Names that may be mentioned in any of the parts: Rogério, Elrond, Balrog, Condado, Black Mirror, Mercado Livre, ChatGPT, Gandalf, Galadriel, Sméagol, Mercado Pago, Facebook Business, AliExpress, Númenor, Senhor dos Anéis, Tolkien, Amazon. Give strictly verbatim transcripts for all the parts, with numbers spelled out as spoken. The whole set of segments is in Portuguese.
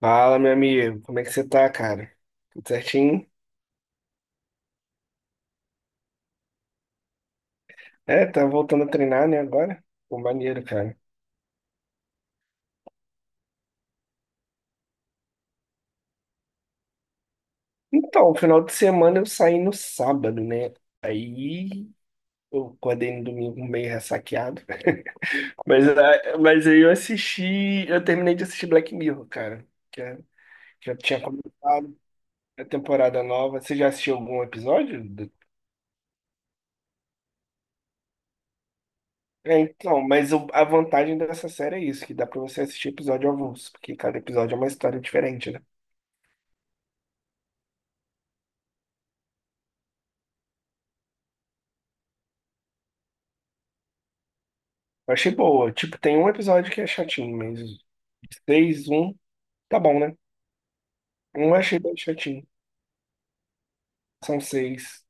Fala, meu amigo, como é que você tá, cara? Tudo certinho? É, tá voltando a treinar, né, agora? Pô, maneiro, cara. Então, final de semana eu saí no sábado, né? Aí eu acordei no domingo meio ressaqueado. Mas, ah, mas aí eu assisti, eu terminei de assistir Black Mirror, cara. Que é- Já tinha começado a temporada nova. Você já assistiu algum episódio? do- É, então, mas o- a vantagem dessa série é isso, que dá pra você assistir episódio avulso, porque cada episódio é uma história diferente, né? Eu achei boa. Tipo, tem um episódio que é chatinho, mas seis, um, tá bom, né? Um eu achei bem chatinho. São seis.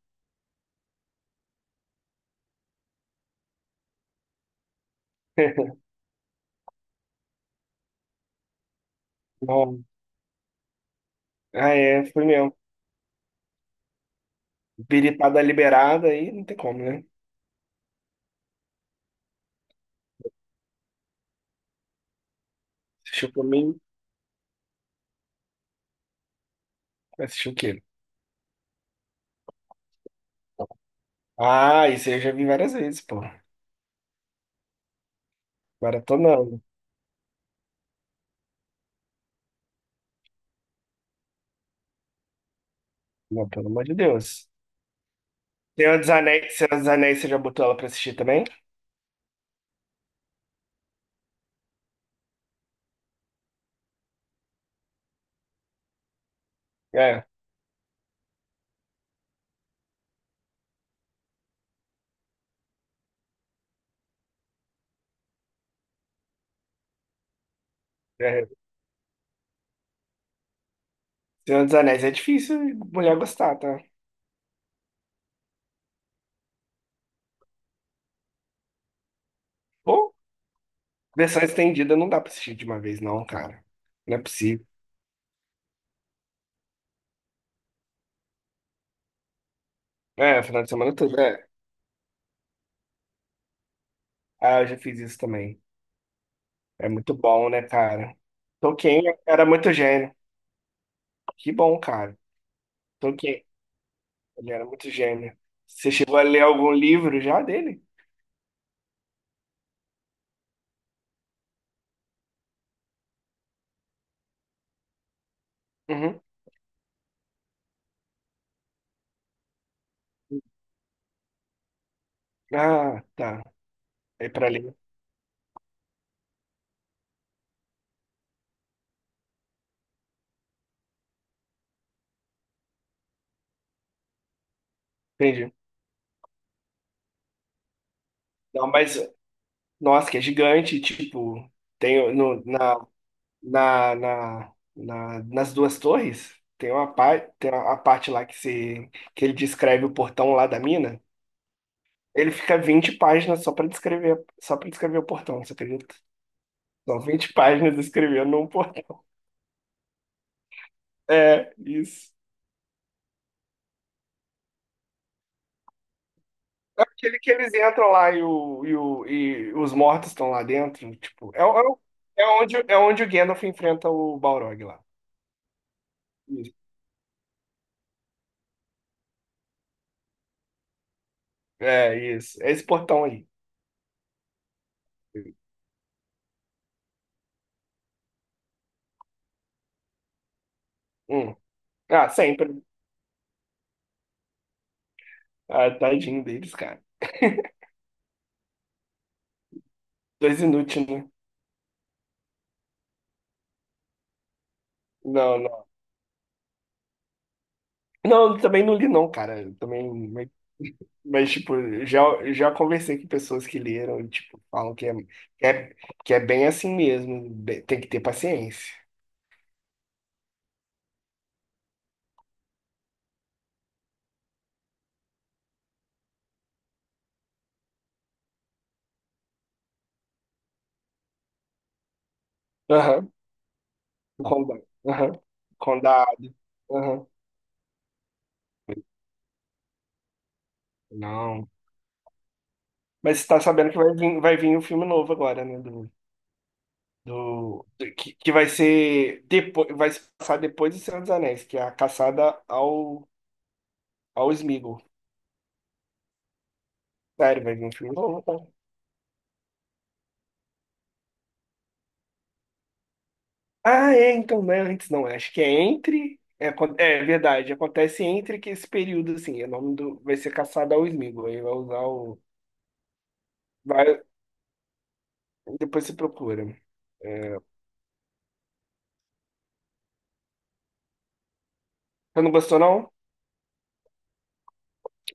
Não. Ah, é, foi mesmo. Biripada liberada aí, não tem como, né? Assistiu por mim, assistiu o quê? Ah, isso aí eu já vi várias vezes, pô. Maratonando. Não, pelo amor de Deus. Senhor dos Anéis, Senhor dos Anéis, você já botou ela pra assistir também? É, é. Senhor dos Anéis é difícil mulher gostar, tá? Pô, versão estendida não dá pra assistir de uma vez, não, cara. Não é possível. É, final de semana tudo é. Ah, eu já fiz isso também. É muito bom, né, cara? Tolkien era muito gênio. Que bom, cara. Tolkien, ele era muito gênio. Você chegou a ler algum livro já dele? Uhum. Ah, tá. É pra ler. Entendi. Não, mas, nossa, que é gigante. Tipo, tem no, na na, na, na- nas duas torres, tem uma parte, tem a a parte lá que, se, que ele descreve o portão lá da mina. Ele fica vinte páginas só para descrever, só para descrever o portão, você acredita? São vinte páginas descrevendo um portão. É, isso. É aquele que eles entram lá e, o, e, o, e os mortos estão lá dentro. Tipo, é, o- é, o- é onde, é onde o Gandalf enfrenta o Balrog lá. Isso. É, isso. É esse portão aí. Hum. Ah, sempre. Ah, tadinho deles, cara. Dois inútil, né? Não, não. Não, eu também não li, não, cara. Eu também, mas, mas, tipo, já, já conversei com pessoas que leram e, tipo, falam que é, que é, que é bem assim mesmo. Be- Tem que ter paciência. Aham, condado. Aham, condado. Aham. Não. Mas você tá sabendo que vai vir, vai vir um filme novo agora, né? Do do do- que, que vai ser depois, vai se passar depois de Senhor dos Anéis, que é a caçada ao ao Sméagol. Sério, vai vir um filme novo, tá? Ah, é, então não é antes, não. É, acho que é entre. É, acon- é verdade, acontece entre que esse período, assim, o nome do, vai ser caçada ao Sméagol, aí vai usar o. Vai, depois você procura. É, você não gostou, não?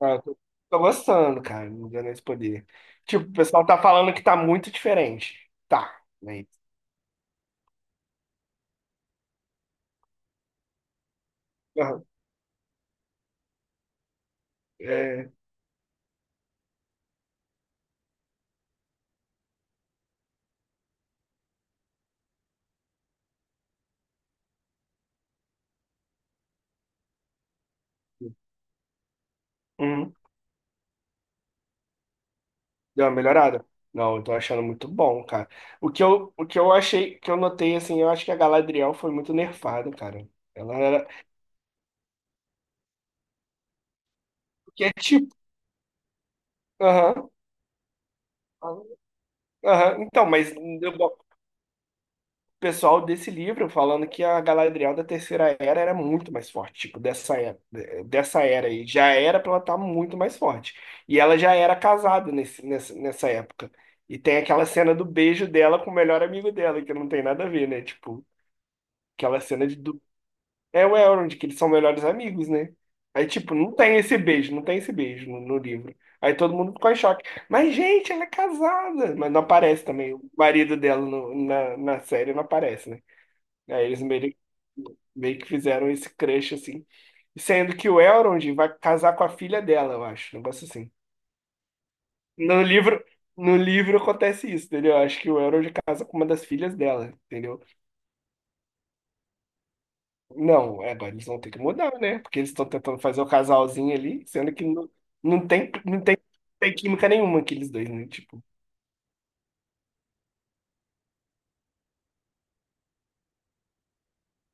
Ah, tô, tô gostando, cara, não deu esse poder. Tipo, o pessoal tá falando que tá muito diferente. Tá, né? Aham, é, uhum. Deu uma melhorada? Não, eu tô achando muito bom, cara. O que eu, o que eu achei, que eu notei, assim, eu acho que a Galadriel foi muito nerfada, cara. Ela era. Que é tipo. Aham. Aham. Então, mas o pessoal desse livro falando que a Galadriel da Terceira Era era muito mais forte, tipo, dessa era, dessa era aí. Já era pra ela estar muito mais forte. E ela já era casada nesse, nessa, nessa época. E tem aquela cena do beijo dela com o melhor amigo dela, que não tem nada a ver, né? Tipo, aquela cena de é o Elrond, que eles são melhores amigos, né? Aí, tipo, não tem esse beijo, não tem esse beijo no, no livro. Aí todo mundo ficou em choque. Mas, gente, ela é casada. Mas não aparece também. O marido dela no- na, na série não aparece, né? Aí eles meio, meio que fizeram esse crush, assim. Sendo que o Elrond vai casar com a filha dela, eu acho. Um negócio assim. No livro, no livro acontece isso, entendeu? Eu acho que o Elrond casa com uma das filhas dela, entendeu? Não, é, agora eles vão ter que mudar, né? Porque eles estão tentando fazer o casalzinho ali, sendo que não, não tem, não tem, tem química nenhuma aqueles dois, né? Tipo,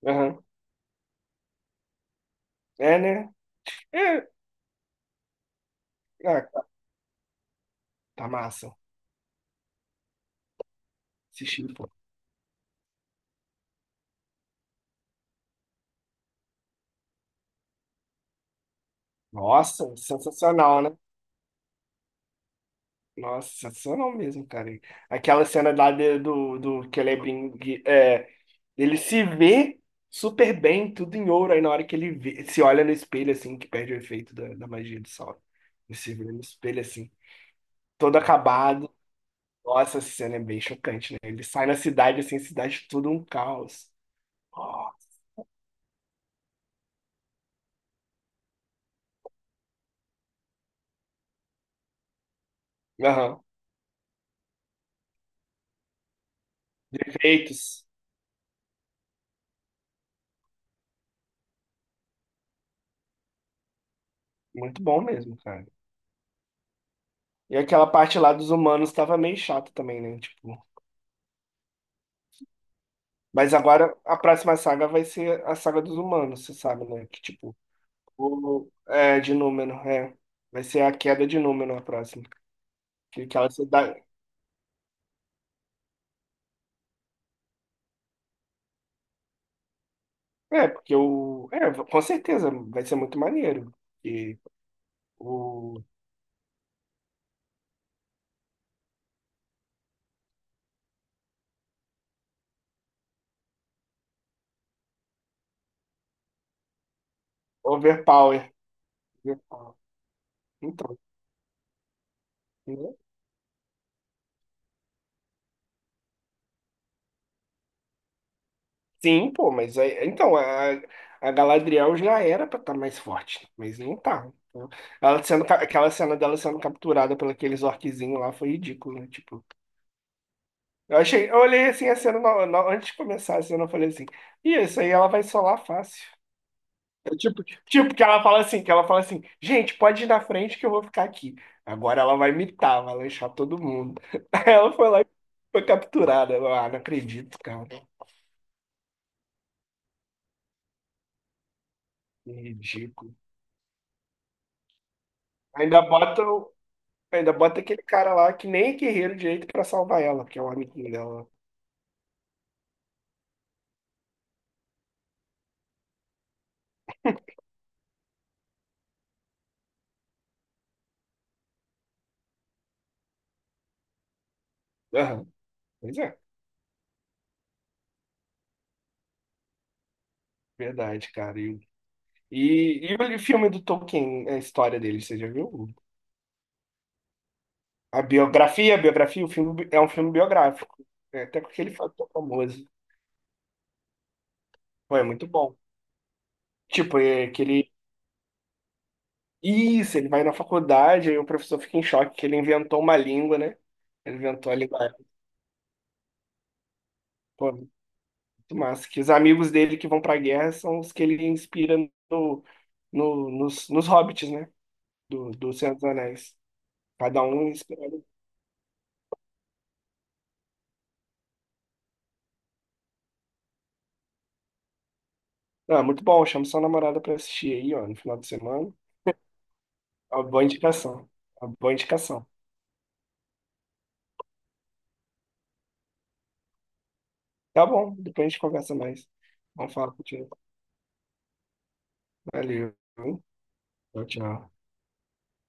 aham. É, né? É, ah, tá tá massa. Assisti, pô. Nossa, sensacional, né? Nossa, sensacional mesmo, cara. Aquela cena lá de- do, do que ele é, brin- que, é, Ele se vê super bem, tudo em ouro, aí na hora que ele vê- se olha no espelho, assim, que perde o efeito da, da magia do sol. Ele se vê no espelho, assim todo acabado. Nossa, essa cena é bem chocante, né? Ele sai na cidade, assim, a cidade tudo um caos. Ó, aham. Efeitos. Muito bom mesmo, cara. E aquela parte lá dos humanos tava meio chata também, né? Tipo. Mas agora a próxima saga vai ser a saga dos humanos, você sabe, né? Que tipo. O... É, de Númenor, é. Vai ser a queda de Númenor a próxima. Que aquela cidade. É, porque o. É, com certeza, vai ser muito maneiro. E o overpower. Overpower. Então. Né? Sim, pô, mas aí, então a, a Galadriel já era pra estar mais forte, mas não tá. Então, ela sendo, ca- aquela cena dela sendo capturada por aqueles orquezinhos lá foi ridículo, né? Tipo, eu achei, eu olhei assim a cena na- na- antes de começar a cena, eu falei assim, e isso aí ela vai solar fácil. É tipo, tipo que ela fala assim, que ela fala assim, gente, pode ir na frente que eu vou ficar aqui. Agora ela vai mitar, vai lanchar todo mundo. Aí ela foi lá e foi capturada. Eu, ah, não acredito, cara. Que ridículo. Ainda bota. Ainda bota aquele cara lá que nem é guerreiro direito pra salvar ela, porque é o amiguinho dela. Aham, pois é, verdade, cara. E, e, e o filme do Tolkien, a história dele, você já viu? A biografia, a biografia, o filme bi- é um filme biográfico. É, até com aquele fator famoso. Pô, é muito bom. Tipo, é aquele. Isso, ele vai na faculdade, aí o professor fica em choque que ele inventou uma língua, né? Ele inventou a língua. Pô, muito massa. Que os amigos dele que vão pra guerra são os que ele inspira no, no- nos, nos hobbits, né? Do, do Senhor dos Anéis. Cada um escolhe. Ah, muito bom, chama sua namorada pra assistir aí, ó, no final de semana. Uma boa indicação. Uma boa indicação. Tá bom, depois a gente conversa mais. Vamos falar contigo. Valeu. Tchau, tchau.